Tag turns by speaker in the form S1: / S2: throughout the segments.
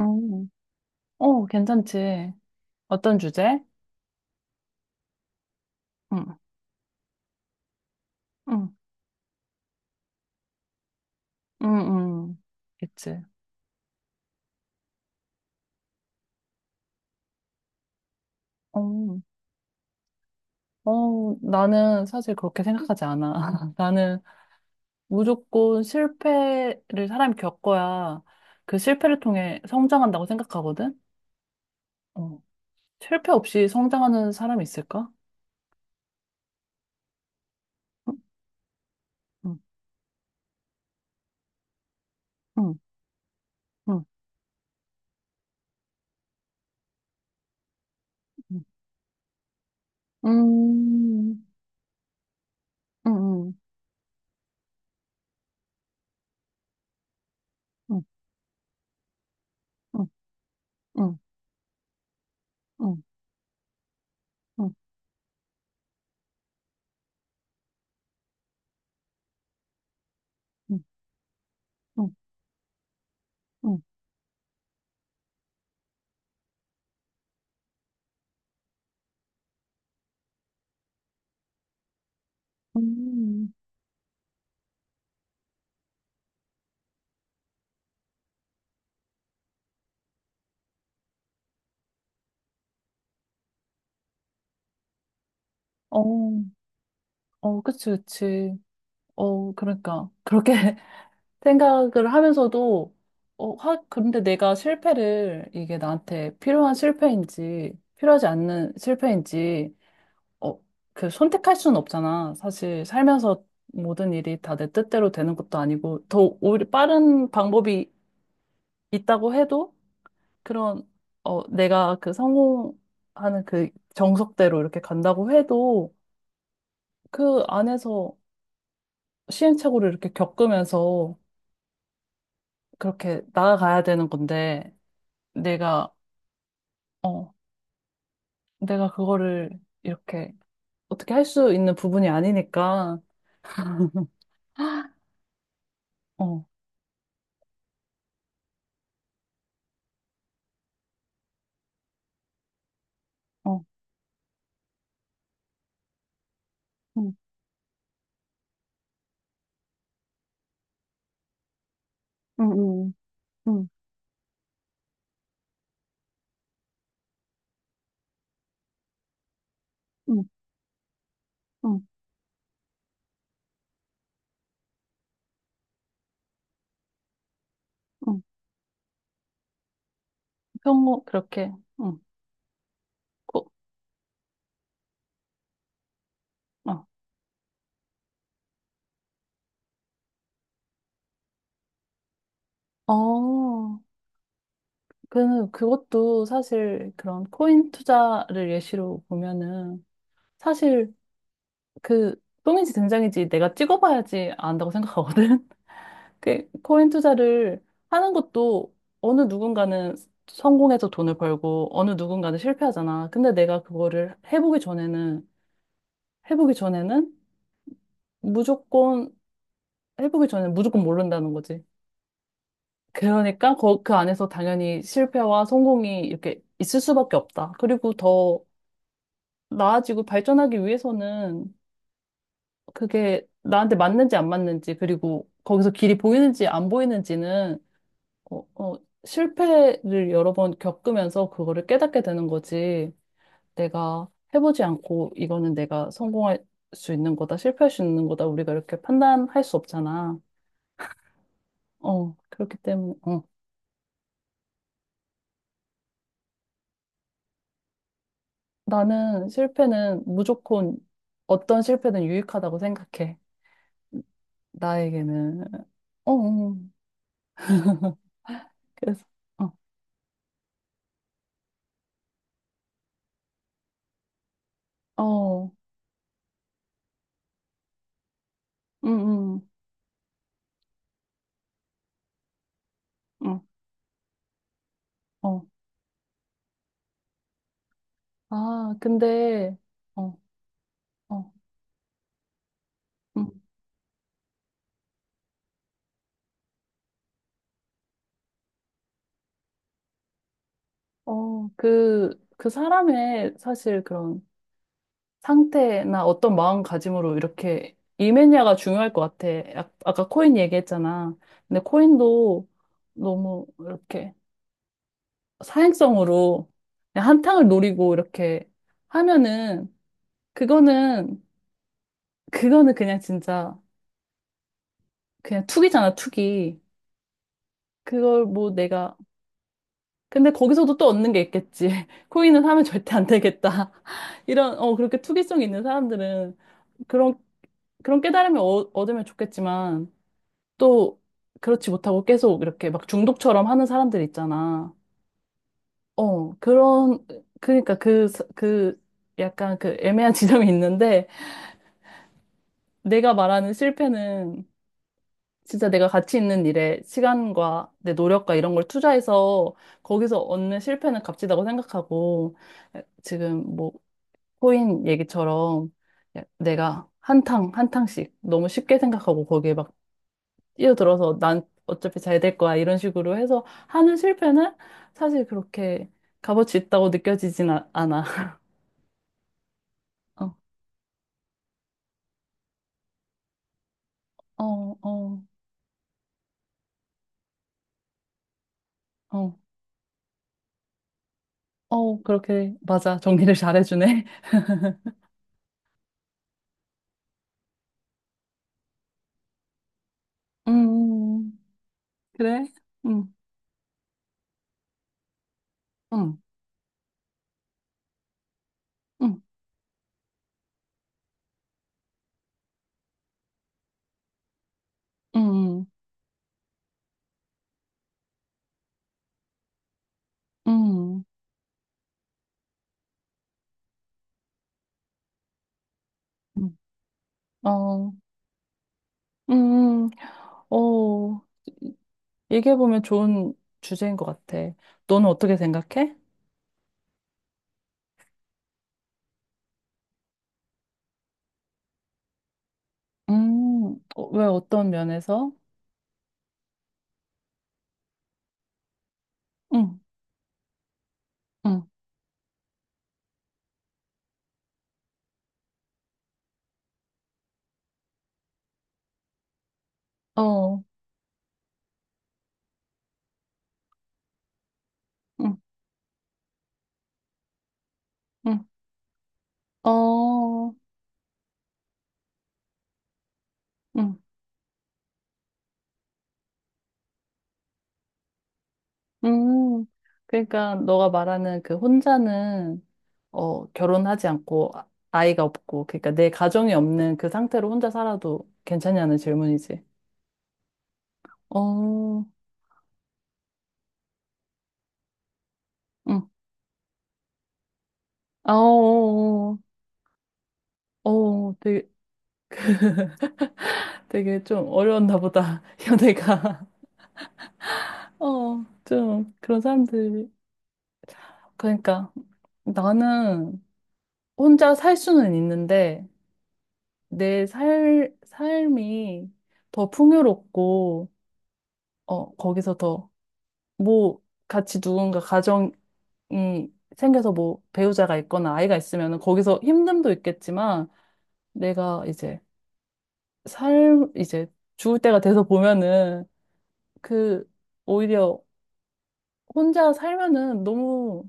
S1: 음. 어, 괜찮지. 어떤 주제? 응, 응, 응, 응. 그치. 어, 어, 나는 사실 그렇게 생각하지 않아. 나는 무조건 실패를 사람이 겪어야 그 실패를 통해 성장한다고 생각하거든? 어. 실패 없이 성장하는 사람이 있을까? 응, 응, 응, 응, 응. 음, 응, 응, 응, 응, 응, 응, 응, 응, 응, 응. 음. 음, 음, 음, 음. 어, 어, 그치, 그치. 어, 그러니까. 그렇게 생각을 하면서도, 어, 근데 내가 실패를, 이게 나한테 필요한 실패인지, 필요하지 않는 실패인지, 어, 그 선택할 수는 없잖아. 사실 살면서 모든 일이 다 내 뜻대로 되는 것도 아니고, 더 오히려 빠른 방법이 있다고 해도, 그런, 어, 내가 그 성공하는 그 정석대로 이렇게 간다고 해도, 그 안에서 시행착오를 이렇게 겪으면서, 그렇게 나아가야 되는 건데, 내가, 어, 내가 그거를 이렇게 어떻게 할 수 있는 부분이 아니니까, 어, 어, 응, 응, 응, 응, 응, 응, 응. 응. 평소, 그렇게, 응, 꼭, 어. 어, 그것도 사실 그런 코인 투자를 예시로 보면은, 사실 그, 똥인지 된장인지 내가 찍어봐야지 안다고 생각하거든. 그 코인 투자를 하는 것도 어느 누군가는 성공해서 돈을 벌고 어느 누군가는 실패하잖아. 근데 내가 그거를 해보기 전에는 해보기 전에는 무조건 해보기 전에는 무조건 모른다는 거지. 그러니까 그 안에서 당연히 실패와 성공이 이렇게 있을 수밖에 없다. 그리고 더 나아지고 발전하기 위해서는 그게 나한테 맞는지 안 맞는지 그리고 거기서 길이 보이는지 안 보이는지는 어, 어, 실패를 여러 번 겪으면서 그거를 깨닫게 되는 거지. 내가 해보지 않고 이거는 내가 성공할 수 있는 거다, 실패할 수 있는 거다, 우리가 이렇게 판단할 수 없잖아. 어, 그렇기 때문에, 어. 나는 실패는 무조건 어떤 실패든 유익하다고 생각해. 나에게는. 어, 어. 그래서, 어, 어, 응, 응, 어, 어. 아, 근데, 어, 어. 음. 어, 그 사람의 사실 그런 상태나 어떤 마음가짐으로 이렇게 임했냐가 중요할 것 같아. 아까 코인 얘기했잖아. 근데 코인도 너무 이렇게 사행성으로 그냥 한탕을 노리고 이렇게 하면은 그거는, 그거는 그냥 진짜 그냥 투기잖아, 투기. 그걸 뭐 내가. 근데 거기서도 또 얻는 게 있겠지. 코인은 사면 절대 안 되겠다. 이런, 어, 그렇게 투기성 있는 사람들은 그런 그런 깨달음을 얻으면 좋겠지만, 또, 그렇지 못하고 계속 이렇게 막 중독처럼 하는 사람들 있잖아. 어, 그런, 그러니까 그, 그, 약간 그 애매한 지점이 있는데, 내가 말하는 실패는 진짜 내가 가치 있는 일에 시간과 내 노력과 이런 걸 투자해서 거기서 얻는 실패는 값지다고 생각하고, 지금 뭐, 코인 얘기처럼 내가 한탕, 한탕씩 너무 쉽게 생각하고 거기에 막 뛰어들어서 난 어차피 잘 될 거야 이런 식으로 해서 하는 실패는 사실 그렇게 값어치 있다고 느껴지진 않아. 어, 어, 어, 어, 어, 그렇게 맞아 정리를 잘해주네. 음, 그래? 음, 음, 음, 음, 음, 음, 어, 음, 어, 얘기해보면 좋은 주제인 것 같아. 너는 어떻게 생각해? 왜 어떤 면에서? 응, 응, 어, 응, 응. 어, 음, 음. 그러니까 너가 말하는 그 혼자는 결혼하지 않고 아이가 없고 그러니까 내 가정이 없는 그 상태로 혼자 살아도 괜찮냐는 질문이지. 어, 응. 아, 어, 어, 어, 어, 되게, 되게 좀 어려웠나 보다. 연애가. 어, 좀 그런 사람들이. 그러니까 나는 혼자 살 수는 있는데 내 삶이 더 풍요롭고 거기서 더, 뭐, 같이 누군가 가정이 생겨서 뭐, 배우자가 있거나 아이가 있으면은 거기서 힘듦도 있겠지만, 내가 이제 죽을 때가 돼서 보면은, 그, 오히려 혼자 살면은 너무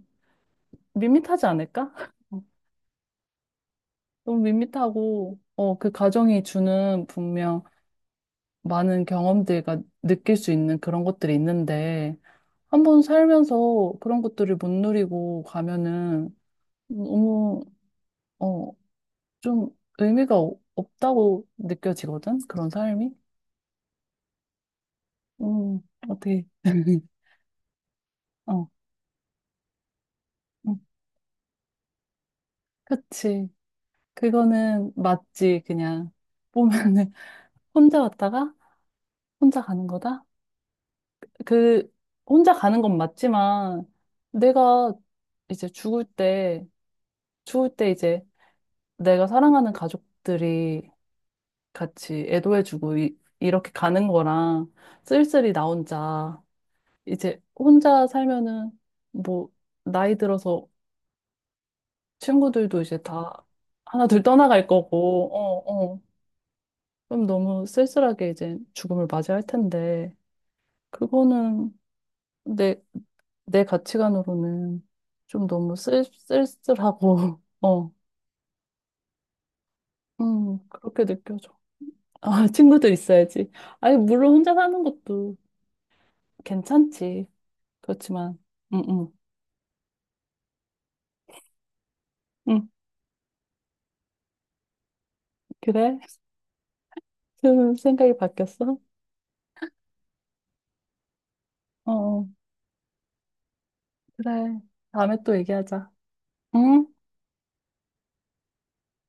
S1: 밋밋하지 않을까? 너무 밋밋하고, 그 가정이 주는 분명 많은 경험들과 느낄 수 있는 그런 것들이 있는데, 한번 살면서 그런 것들을 못 누리고 가면은 너무, 어, 좀 의미가 없다고 느껴지거든? 그런 삶이? 음, 어떻게, 어, 음, 그치. 그거는 맞지, 그냥. 보면은, 혼자 왔다가, 혼자 가는 거다? 그, 혼자 가는 건 맞지만, 내가 이제 죽을 때 이제 내가 사랑하는 가족들이 같이 애도해주고, 이렇게 가는 거랑, 쓸쓸히 나 혼자, 이제 혼자 살면은 뭐 나이 들어서 친구들도 이제 다 하나둘 떠나갈 거고, 어, 어. 그럼 너무 쓸쓸하게 이제 죽음을 맞이할 텐데, 그거는 내, 내 가치관으로는 좀 너무 쓸쓸하고, 어, 그렇게 느껴져. 아, 친구들 있어야지. 아니, 물론 혼자 사는 것도 괜찮지. 그렇지만, 응, 응, 응, 그래? 좀 생각이 바뀌었어? 어. 어. 그래. 다음에 또 얘기하자. 응?